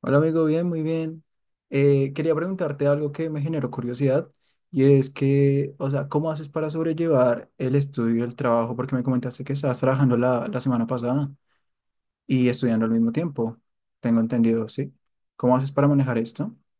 Hola amigo, bien, muy bien. Quería preguntarte algo que me generó curiosidad y es que, o sea, ¿cómo haces para sobrellevar el estudio y el trabajo? Porque me comentaste que estabas trabajando la semana pasada y estudiando al mismo tiempo. Tengo entendido, ¿sí? ¿Cómo haces para manejar esto?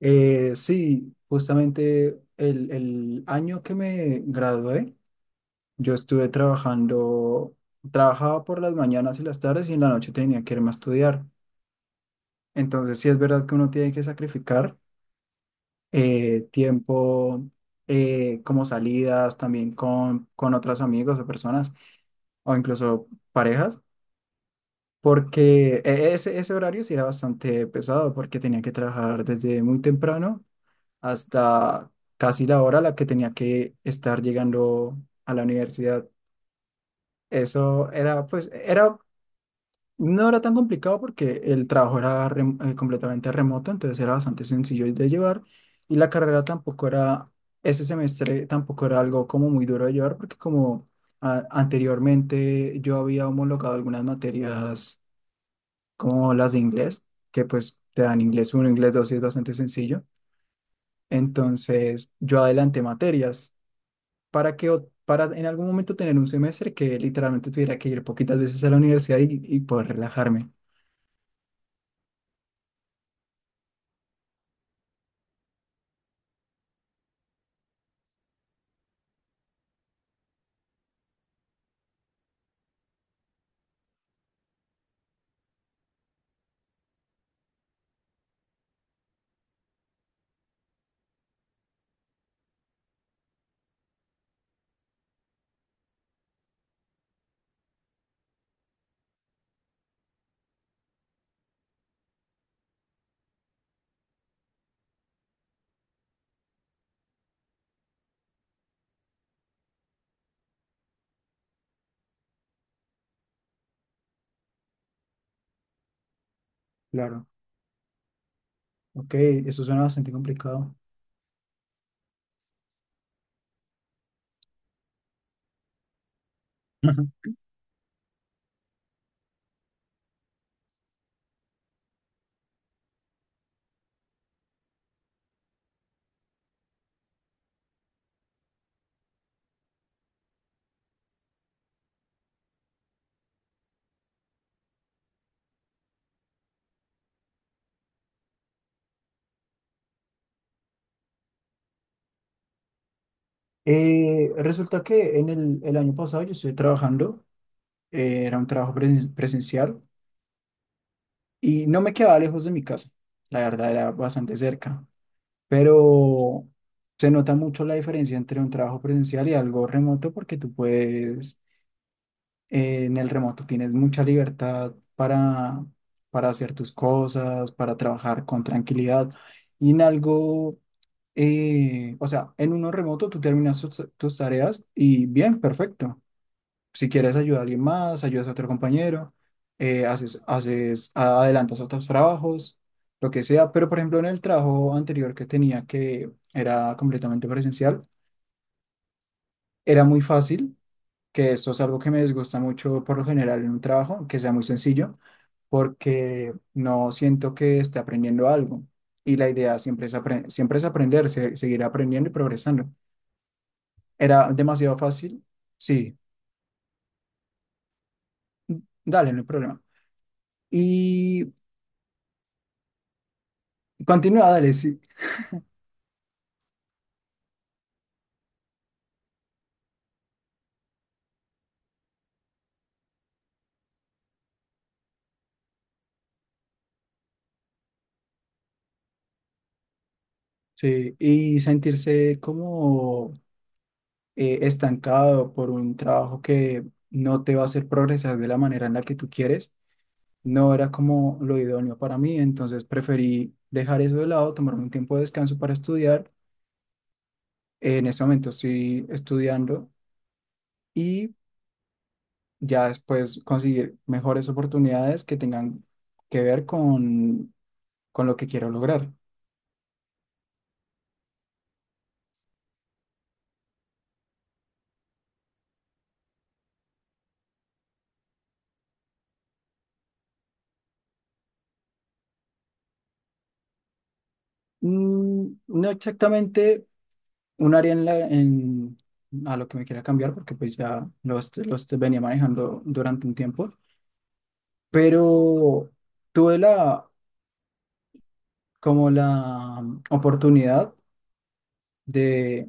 Sí, justamente el año que me gradué, yo estuve trabajando, trabajaba por las mañanas y las tardes y en la noche tenía que irme a estudiar. Entonces, sí es verdad que uno tiene que sacrificar tiempo, como salidas también con otros amigos o personas, o incluso parejas, porque ese horario sí era bastante pesado, porque tenía que trabajar desde muy temprano hasta casi la hora a la que tenía que estar llegando a la universidad. Eso era, pues, era no era tan complicado porque el trabajo era completamente remoto, entonces era bastante sencillo de llevar y la carrera tampoco era, ese semestre tampoco era algo como muy duro de llevar porque anteriormente yo había homologado algunas materias como las de inglés, que pues te dan inglés uno inglés 2 y es bastante sencillo. Entonces yo adelanté materias para en algún momento tener un semestre que literalmente tuviera que ir poquitas veces a la universidad y poder relajarme. Claro. Ok, eso suena bastante complicado. Ujú. Resulta que en el año pasado yo estuve trabajando, era un trabajo presencial y no me quedaba lejos de mi casa, la verdad era bastante cerca, pero se nota mucho la diferencia entre un trabajo presencial y algo remoto porque tú en el remoto tienes mucha libertad para hacer tus cosas, para trabajar con tranquilidad y en algo o sea, en uno remoto tú terminas tus tareas y bien, perfecto. Si quieres ayudar a alguien más, ayudas a otro compañero, haces, adelantas otros trabajos, lo que sea. Pero, por ejemplo, en el trabajo anterior que tenía, que era completamente presencial, era muy fácil, que esto es algo que me desgusta mucho por lo general en un trabajo, que sea muy sencillo, porque no siento que esté aprendiendo algo. Y la idea siempre es, siempre es aprender, seguir aprendiendo y progresando. Era demasiado fácil. Sí, dale, no hay problema. Y continúa, dale, sí. Sí, y sentirse como estancado por un trabajo que no te va a hacer progresar de la manera en la que tú quieres, no era como lo idóneo para mí, entonces preferí dejar eso de lado, tomarme un tiempo de descanso para estudiar. En este momento estoy estudiando y ya después conseguir mejores oportunidades que tengan que ver con lo que quiero lograr. Mm, no exactamente un área en a lo que me quería cambiar, porque pues ya los venía manejando durante un tiempo, pero tuve la, como la oportunidad de,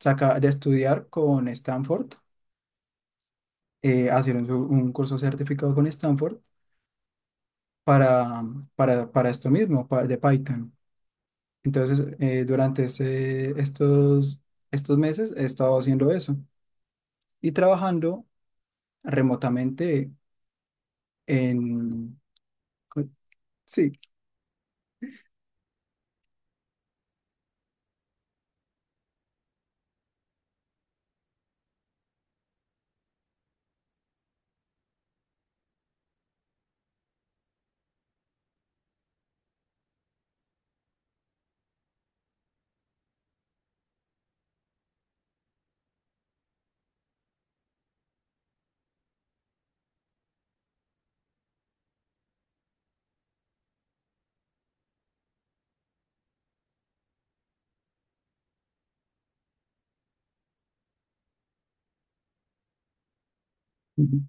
sacar, de estudiar con Stanford, hacer un curso certificado con Stanford para, para esto mismo, de Python. Entonces, durante estos meses he estado haciendo eso y trabajando remotamente en... Sí. Ujú.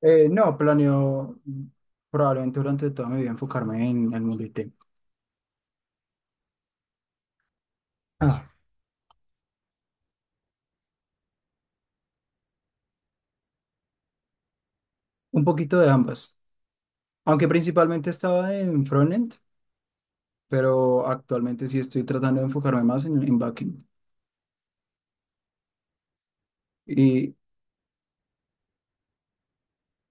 No, planeo probablemente durante toda mi vida enfocarme en el mundo IT. Ah, un poquito de ambas. Aunque principalmente estaba en frontend, pero actualmente sí estoy tratando de enfocarme más en backend. Y,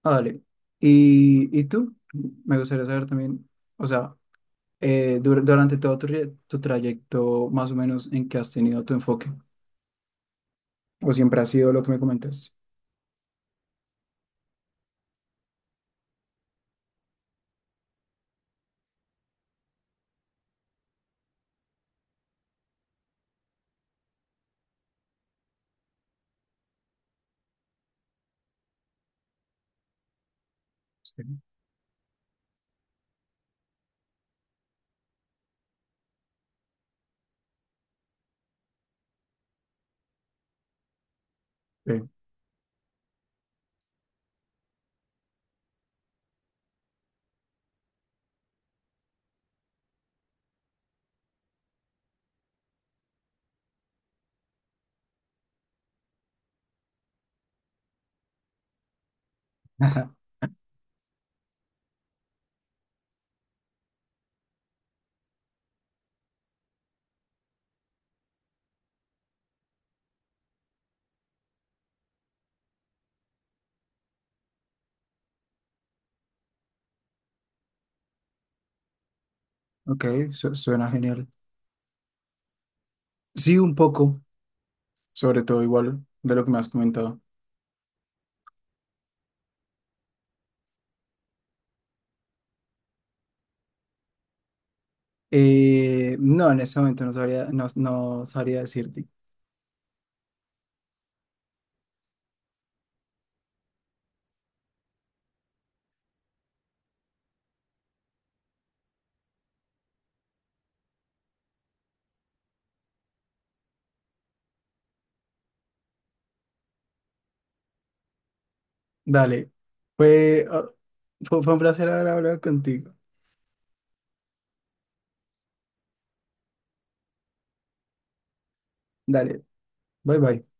Dale. Y tú? Me gustaría saber también, o sea, durante todo tu trayecto, más o menos en qué has tenido tu enfoque. ¿O siempre ha sido lo que me comentaste? Sí. Sí. Ok, suena genial. Sí, un poco, sobre todo igual de lo que me has comentado. No, en este momento no sabría, no sabría decirte. Dale, fue, ah, fue un placer haber hablado contigo. Dale, bye bye.